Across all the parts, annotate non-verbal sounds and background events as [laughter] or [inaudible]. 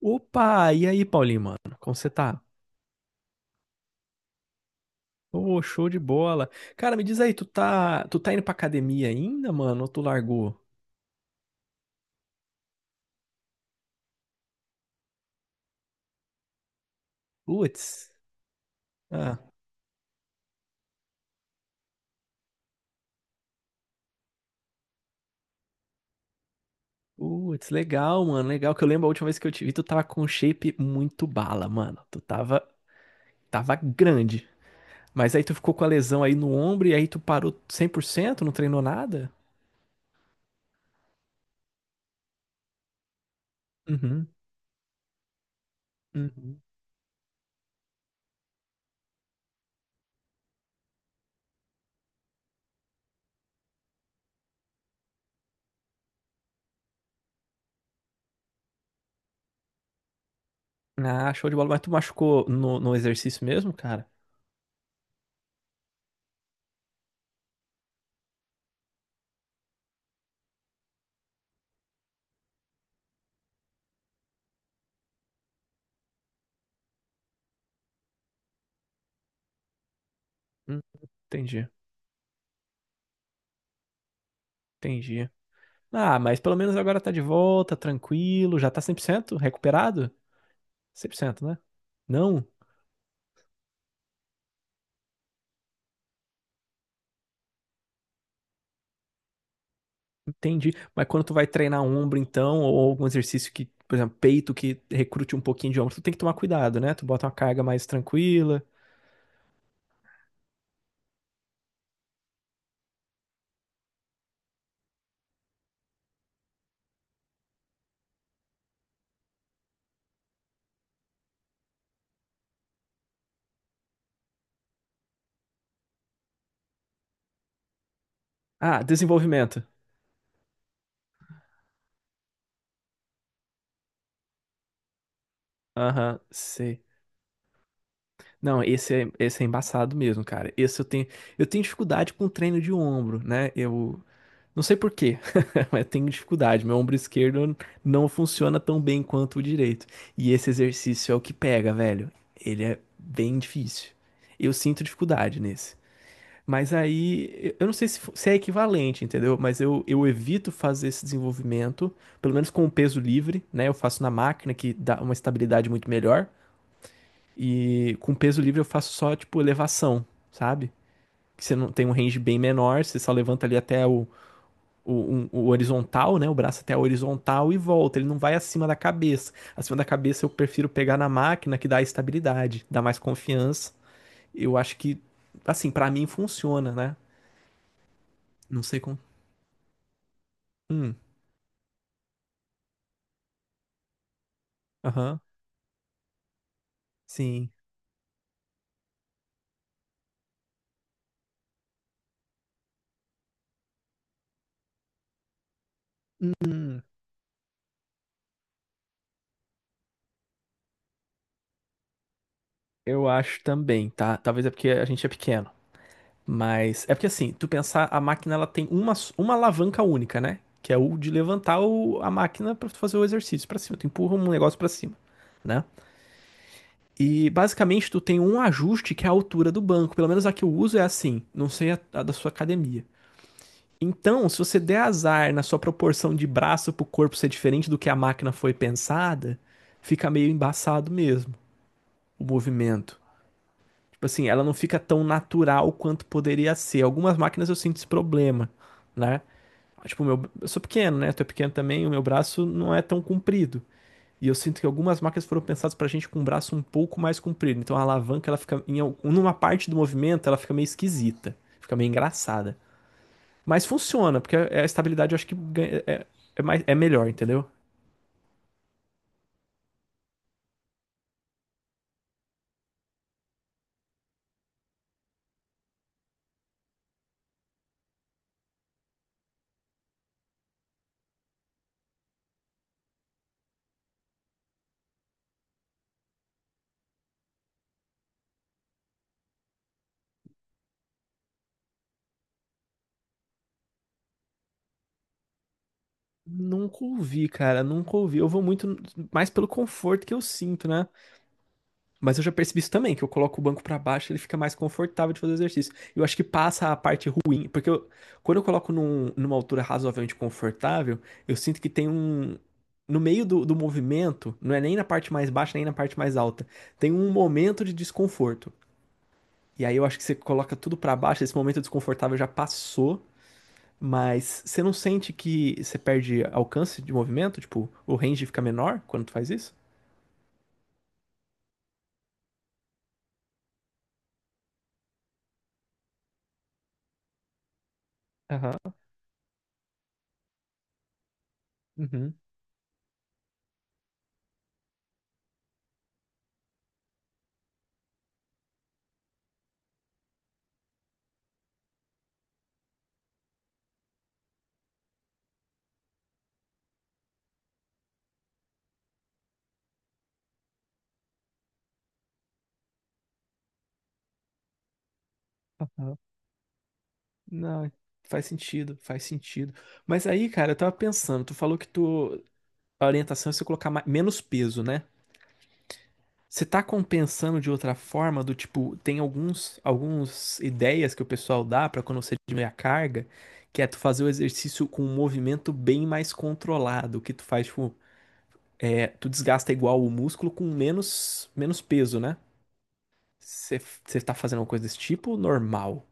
Opa, e aí, Paulinho, mano? Como você tá? Ô, show de bola. Cara, me diz aí, tu tá indo pra academia ainda, mano? Ou tu largou? Putz. Ah, putz, legal, mano. Legal que eu lembro a última vez que eu te vi, tu tava com um shape muito bala, mano. Tu tava grande. Mas aí tu ficou com a lesão aí no ombro e aí tu parou 100%, não treinou nada? Uhum, uhum. Ah, show de bola. Mas tu machucou no exercício mesmo, cara? Hum, entendi, entendi. Ah, mas pelo menos agora tá de volta, tranquilo, já tá 100% recuperado? 100%, né? Não, entendi. Mas quando tu vai treinar um ombro, então, ou algum exercício que, por exemplo, peito que recrute um pouquinho de ombro, tu tem que tomar cuidado, né? Tu bota uma carga mais tranquila. Ah, desenvolvimento. Aham, sei. Não, esse é embaçado mesmo, cara. Esse eu tenho dificuldade com treino de ombro, né? Não sei por quê, [laughs] mas tenho dificuldade. Meu ombro esquerdo não funciona tão bem quanto o direito. E esse exercício é o que pega, velho. Ele é bem difícil. Eu sinto dificuldade nesse. Mas aí, eu não sei se, se é equivalente, entendeu? Mas eu evito fazer esse desenvolvimento, pelo menos com o peso livre, né? Eu faço na máquina, que dá uma estabilidade muito melhor. E com o peso livre eu faço só, tipo, elevação, sabe? Que você não tem um range bem menor, você só levanta ali até o horizontal, né? O braço até a horizontal e volta. Ele não vai acima da cabeça. Acima da cabeça eu prefiro pegar na máquina que dá estabilidade, dá mais confiança. Eu acho que, assim, pra mim funciona, né? Não sei como. Hum, aham, sim. Hum, eu acho também, tá? Talvez é porque a gente é pequeno. Mas é porque assim, tu pensar, a máquina ela tem uma alavanca única, né? Que é o de levantar a máquina pra tu fazer o exercício pra cima. Tu empurra um negócio pra cima, né? E basicamente tu tem um ajuste que é a altura do banco. Pelo menos a que eu uso é assim. Não sei a da sua academia. Então, se você der azar na sua proporção de braço pro corpo ser diferente do que a máquina foi pensada, fica meio embaçado mesmo o movimento. Tipo assim, ela não fica tão natural quanto poderia ser. Algumas máquinas eu sinto esse problema, né? Tipo, meu, eu sou pequeno, né? Tu é pequeno também, o meu braço não é tão comprido. E eu sinto que algumas máquinas foram pensadas pra gente com um braço um pouco mais comprido. Então a alavanca, ela fica em uma parte do movimento, ela fica meio esquisita, fica meio engraçada. Mas funciona, porque é a estabilidade eu acho que é, é mais, é melhor, entendeu? Nunca ouvi, cara, nunca ouvi. Eu vou muito mais pelo conforto que eu sinto, né? Mas eu já percebi isso também, que eu coloco o banco pra baixo, ele fica mais confortável de fazer o exercício. Eu acho que passa a parte ruim, porque quando eu coloco numa altura razoavelmente confortável, eu sinto que tem um. No meio do movimento, não é nem na parte mais baixa, nem na parte mais alta, tem um momento de desconforto. E aí eu acho que você coloca tudo pra baixo, esse momento desconfortável já passou, mas você não sente que você perde alcance de movimento? Tipo, o range fica menor quando tu faz isso? Aham, uhum. Não, faz sentido, faz sentido. Mas aí, cara, eu tava pensando, tu falou que a orientação é você colocar menos peso, né? Você tá compensando de outra forma, do tipo, tem algumas ideias que o pessoal dá pra quando você diminui a carga, que é tu fazer o exercício com um movimento bem mais controlado, que tu faz, tipo, tu desgasta igual o músculo com menos peso, né? Você tá fazendo uma coisa desse tipo, normal.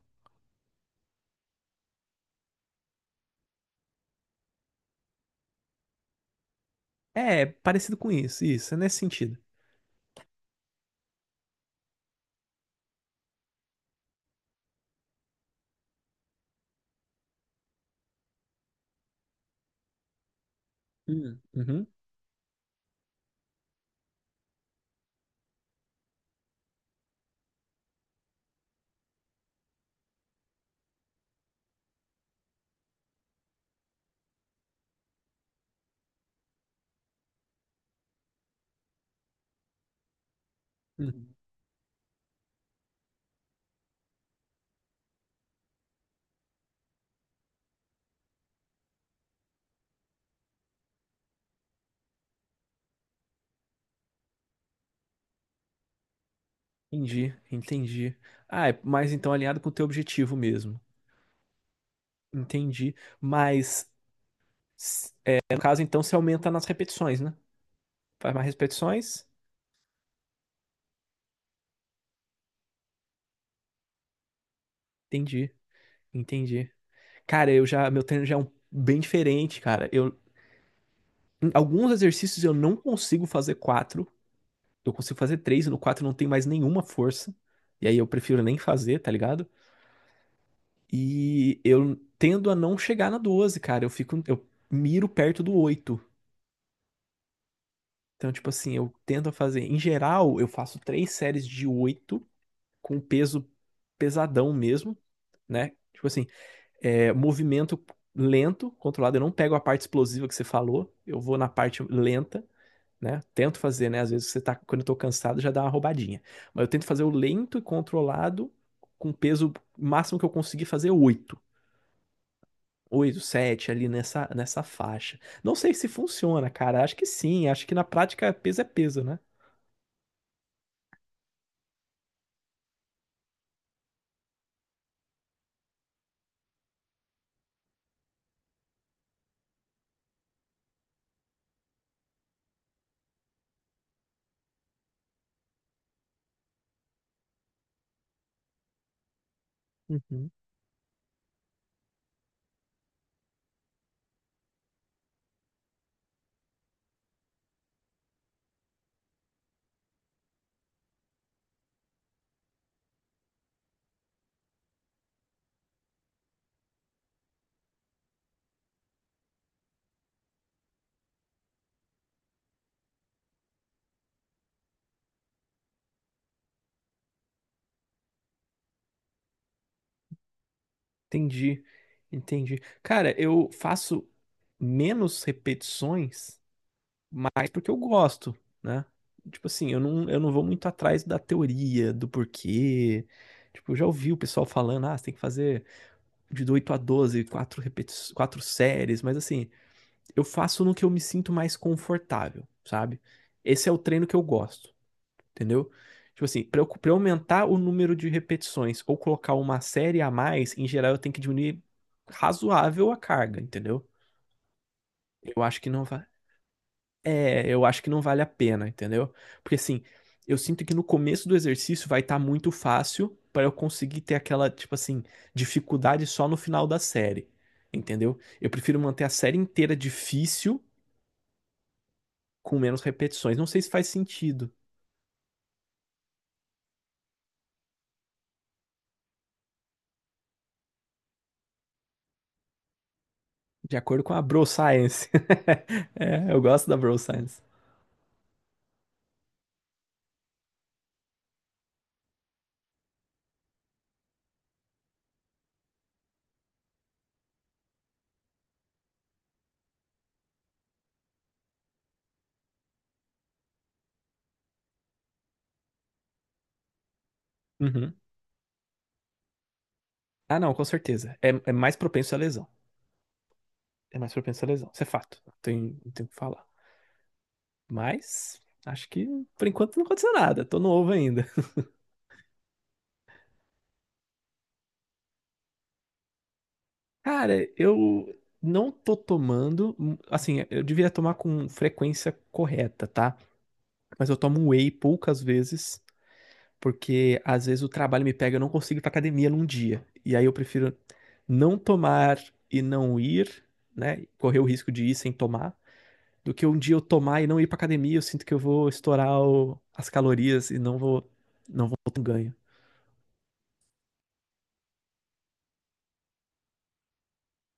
É, parecido com isso, isso, é nesse sentido. Hum. Uhum, uhum. Entendi, entendi. Ah, é mais então alinhado com o teu objetivo mesmo. Entendi. Mas, no caso, então, você aumenta nas repetições, né? Faz mais repetições? Entendi, entendi. Cara, meu treino já é bem diferente, cara. Em alguns exercícios eu não consigo fazer quatro. Eu consigo fazer três, e no quatro não tem mais nenhuma força. E aí eu prefiro nem fazer, tá ligado? E eu tendo a não chegar na 12, cara. Eu miro perto do oito. Então, tipo assim, eu tento fazer. Em geral, eu faço três séries de oito com peso pesadão mesmo, né? Tipo assim, movimento lento, controlado. Eu não pego a parte explosiva que você falou, eu vou na parte lenta, né? Tento fazer, né? Às vezes quando eu tô cansado, já dá uma roubadinha. Mas eu tento fazer o lento e controlado com peso máximo que eu conseguir fazer oito. Oito, sete ali nessa faixa. Não sei se funciona, cara. Acho que sim. Acho que na prática peso é peso, né? Uhum. Entendi, entendi. Cara, eu faço menos repetições, mas porque eu gosto, né? Tipo assim, eu não vou muito atrás da teoria, do porquê. Tipo, eu já ouvi o pessoal falando, ah, você tem que fazer de 8 a 12, quatro séries, mas assim, eu faço no que eu me sinto mais confortável, sabe? Esse é o treino que eu gosto, entendeu? Tipo assim, pra eu aumentar o número de repetições ou colocar uma série a mais, em geral eu tenho que diminuir razoável a carga, entendeu? Eu acho que não vai. É, eu acho que não vale a pena, entendeu? Porque assim, eu sinto que no começo do exercício vai estar muito fácil para eu conseguir ter aquela, tipo assim, dificuldade só no final da série, entendeu? Eu prefiro manter a série inteira difícil com menos repetições. Não sei se faz sentido, de acordo com a Bro Science. [laughs] É, eu gosto da Bro Science. Uhum. Ah, não, com certeza. É, é mais propenso à lesão. É mais propenso à lesão. Isso é fato. Não tem, não tem o que falar. Mas acho que por enquanto não aconteceu nada. Tô novo ainda. [laughs] Cara, eu não tô tomando. Assim, eu devia tomar com frequência correta, tá? Mas eu tomo whey poucas vezes, porque às vezes o trabalho me pega, eu não consigo ir pra academia num dia. E aí eu prefiro não tomar e não ir, né? Correr o risco de ir sem tomar do que um dia eu tomar e não ir pra academia, eu sinto que eu vou estourar as calorias e não vou ter um ganho.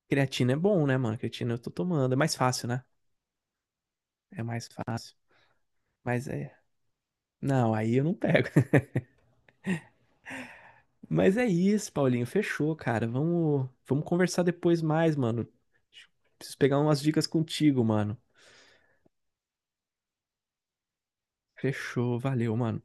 Creatina é bom, né, mano? Creatina eu tô tomando. É mais fácil, né? É mais fácil. Mas é. Não, aí eu não pego. [laughs] Mas é isso, Paulinho. Fechou, cara. Vamos conversar depois mais, mano. Preciso pegar umas dicas contigo, mano. Fechou. Valeu, mano.